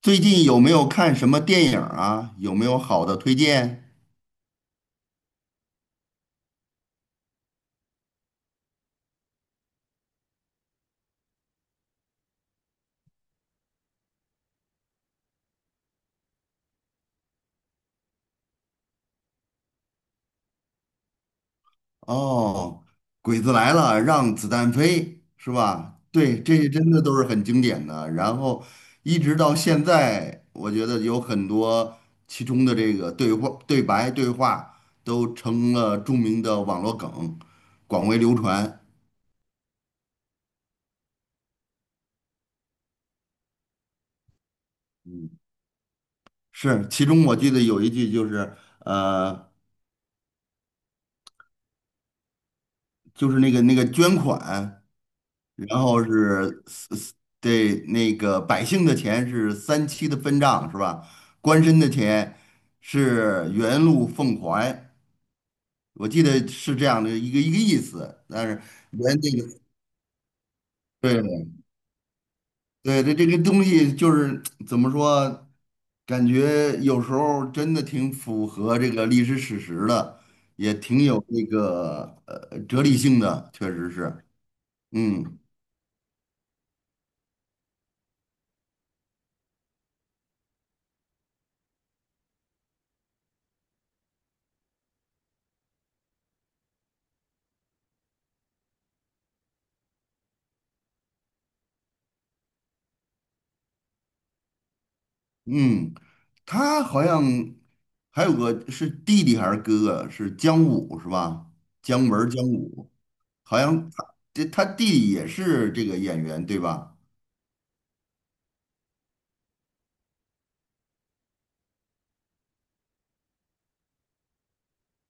最近有没有看什么电影啊？有没有好的推荐？哦，《鬼子来了》让子弹飞是吧？对，这些真的都是很经典的。然后一直到现在，我觉得有很多其中的这个对话、对白、对话都成了著名的网络梗，广为流传。嗯是，其中我记得有一句就是，呃，就是那个捐款。然后是对那个百姓的钱是三七的分账是吧？官绅的钱是原路奉还，我记得是这样的一个意思。但是原这个对对对，这个东西就是怎么说，感觉有时候真的挺符合这个历史史实的，也挺有这个哲理性的，确实是，嗯。嗯，他好像还有个是弟弟还是哥哥，是姜武是吧？姜文儿姜武，好像他这他弟弟也是这个演员对吧？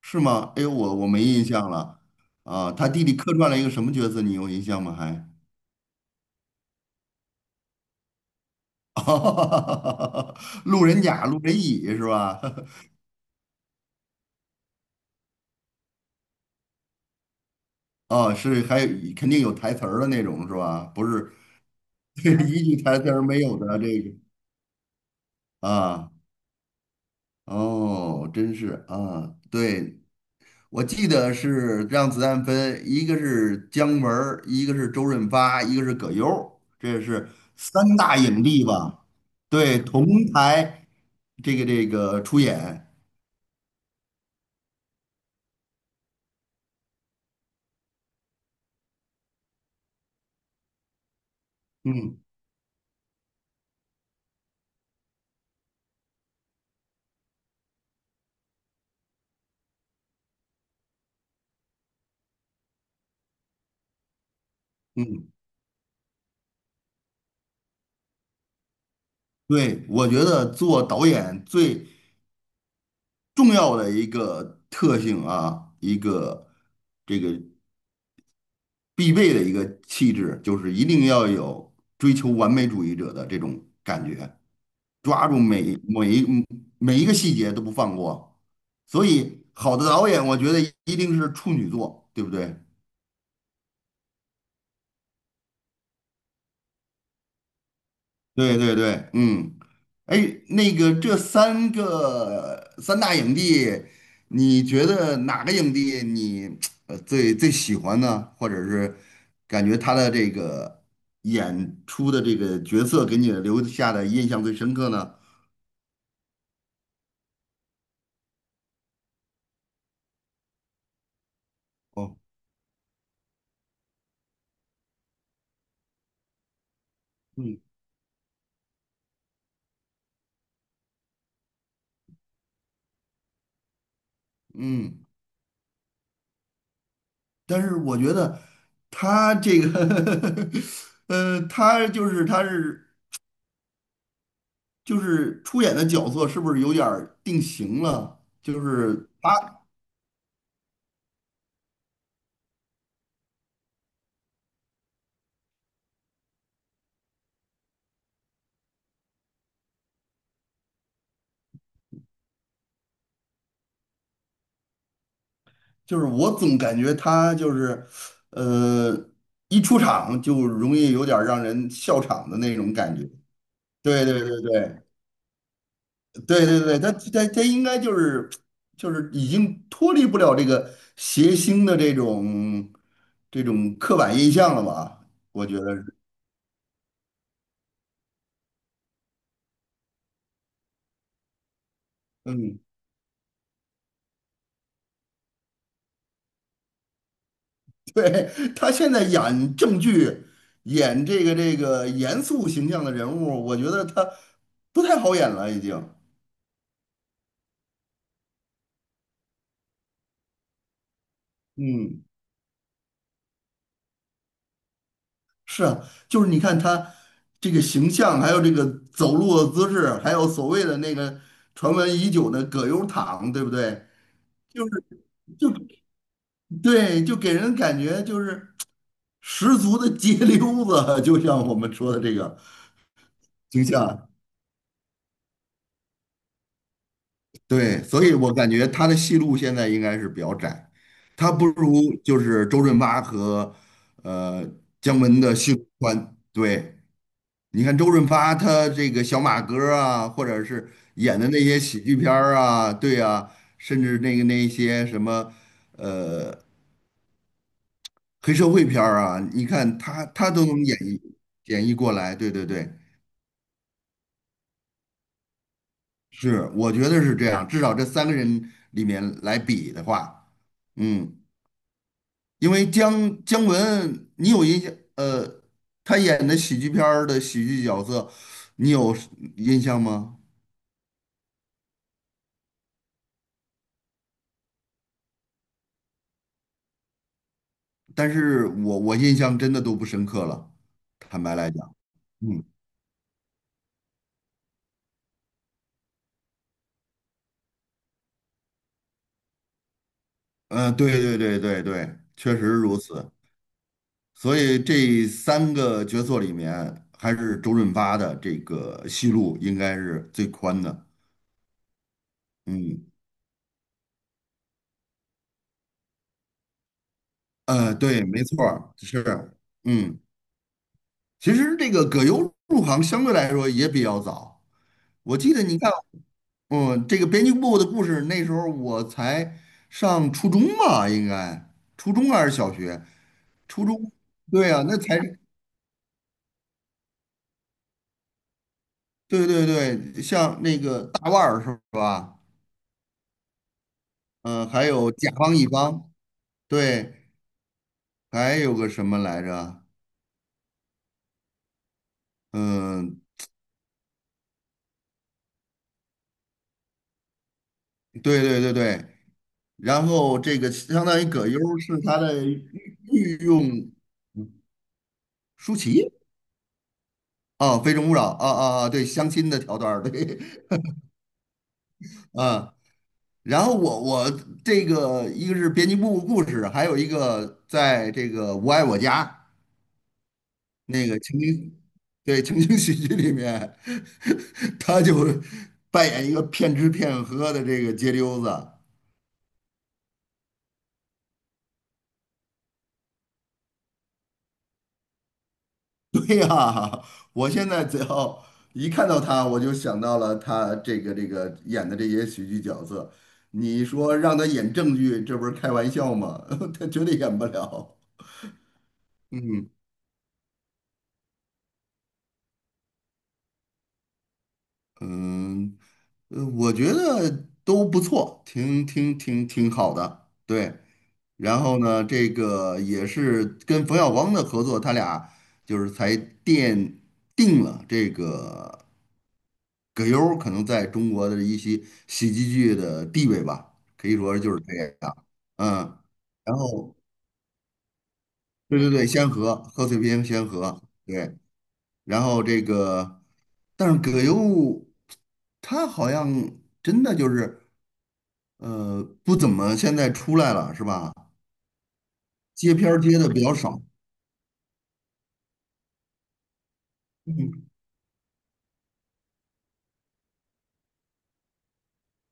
是吗？哎呦，我没印象了啊。他弟弟客串了一个什么角色？你有印象吗？还？路人甲、路人乙是吧？啊，是，还有肯定有台词儿的那种是吧？不是 一句台词儿没有的这个啊，哦，真是啊，对，我记得是让子弹飞，一个是姜文儿一个是周润发，一个是葛优儿这是三大影帝吧？对，同台这个这个出演，嗯嗯对，我觉得做导演最重要的一个特性啊，一个这个必备的一个气质，就是一定要有追求完美主义者的这种感觉。抓住每每一每一个细节都不放过。所以，好的导演，我觉得一定是处女座，对不对？对对对，嗯，哎，那个这三大影帝，你觉得哪个影帝你最喜欢呢？或者是感觉他的这个演出的这个角色给你留下的印象最深刻呢？哦，嗯嗯。但是我觉得他这个 他就是他是就是出演的角色是不是有点儿定型了？就是他就是我总感觉他就是呃，一出场就容易有点儿让人笑场的那种感觉。对对对对对对对，他应该就是就是已经脱离不了这个谐星的这种刻板印象了吧？我觉得是，嗯 对，他现在演正剧，演这个这个严肃形象的人物，我觉得他不太好演了，已经。嗯，是啊，就是你看他这个形象，还有这个走路的姿势，还有所谓的那个传闻已久的葛优躺，对不对？就是就对，就给人感觉就是 十足的街溜子，就像我们说的这个形象。对，所以我感觉他的戏路现在应该是比较窄，他不如就是周润发和呃姜文的戏路宽。对，你看周润发他这个小马哥儿啊，或者是演的那些喜剧片儿啊，对啊，甚至那个那些什么呃黑社会片儿啊，你看他都能演绎演绎过来。对对对，是，我觉得是这样，至少这三个人里面来比的话，嗯。因为姜姜文，你有印象？他演的喜剧片儿的喜剧角色，你有印象吗？但是我印象真的都不深刻了，坦白来讲，嗯，对对对对对，确实如此。所以这三个角色里面，还是周润发的这个戏路应该是最宽的。嗯，对，没错儿，是，嗯，其实这个葛优入行相对来说也比较早。我记得你看，嗯，这个编辑部的故事，那时候我才上初中吧，应该初中还是小学？初中，对啊，那才对对对，像那个大腕儿是吧？嗯，还有甲方乙方，对，还有个什么来着？嗯，对对对对，然后这个相当于葛优是他的御御用舒淇啊，《非诚勿扰》啊啊啊，对，相亲的桥段儿，对 啊。然后我我这个一个是编辑部故事，还有一个在这个《我爱我家》那个情景，对情景喜剧里面，他就扮演一个骗吃骗喝的这个街溜子。对呀，我现在只要一看到他，我就想到了他这个这个演的这些喜剧角色。你说让他演正剧，这不是开玩笑吗？他绝对演不了。嗯。嗯，我觉得都不错，挺挺挺挺好的，对。然后呢，这个也是跟冯小刚的合作，他俩就是才奠定了这个葛优儿可能在中国的一些喜剧剧的地位吧，可以说就是这样。嗯，然后对对对，先河，贺岁片先河，对。然后这个，但是葛优他好像真的就是不怎么现在出来了是吧？接片儿接的比较少，嗯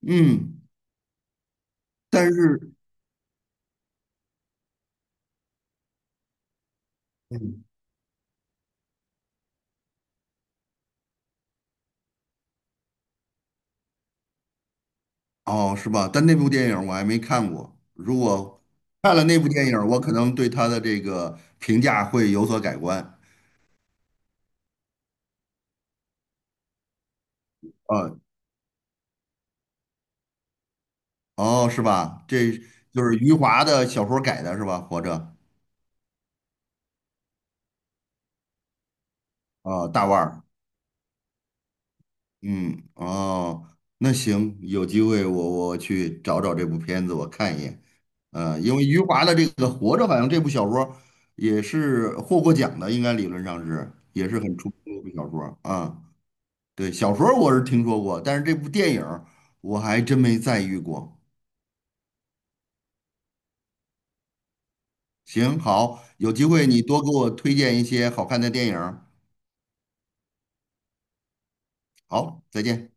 嗯，但是嗯哦是吧？但那部电影我还没看过，如果看了那部电影，我可能对他的这个评价会有所改观啊哦是吧？这就是余华的小说改的是吧？活着啊，大腕儿。嗯，哦，那行，有机会我去找找这部片子，我看一眼。因为余华的这个《活着》好像这部小说也是获过奖的，应该理论上是也是很出名的一部小说啊。对，小说我是听说过，但是这部电影儿我还真没在意过。行，好，有机会你多给我推荐一些好看的电影儿好，再见。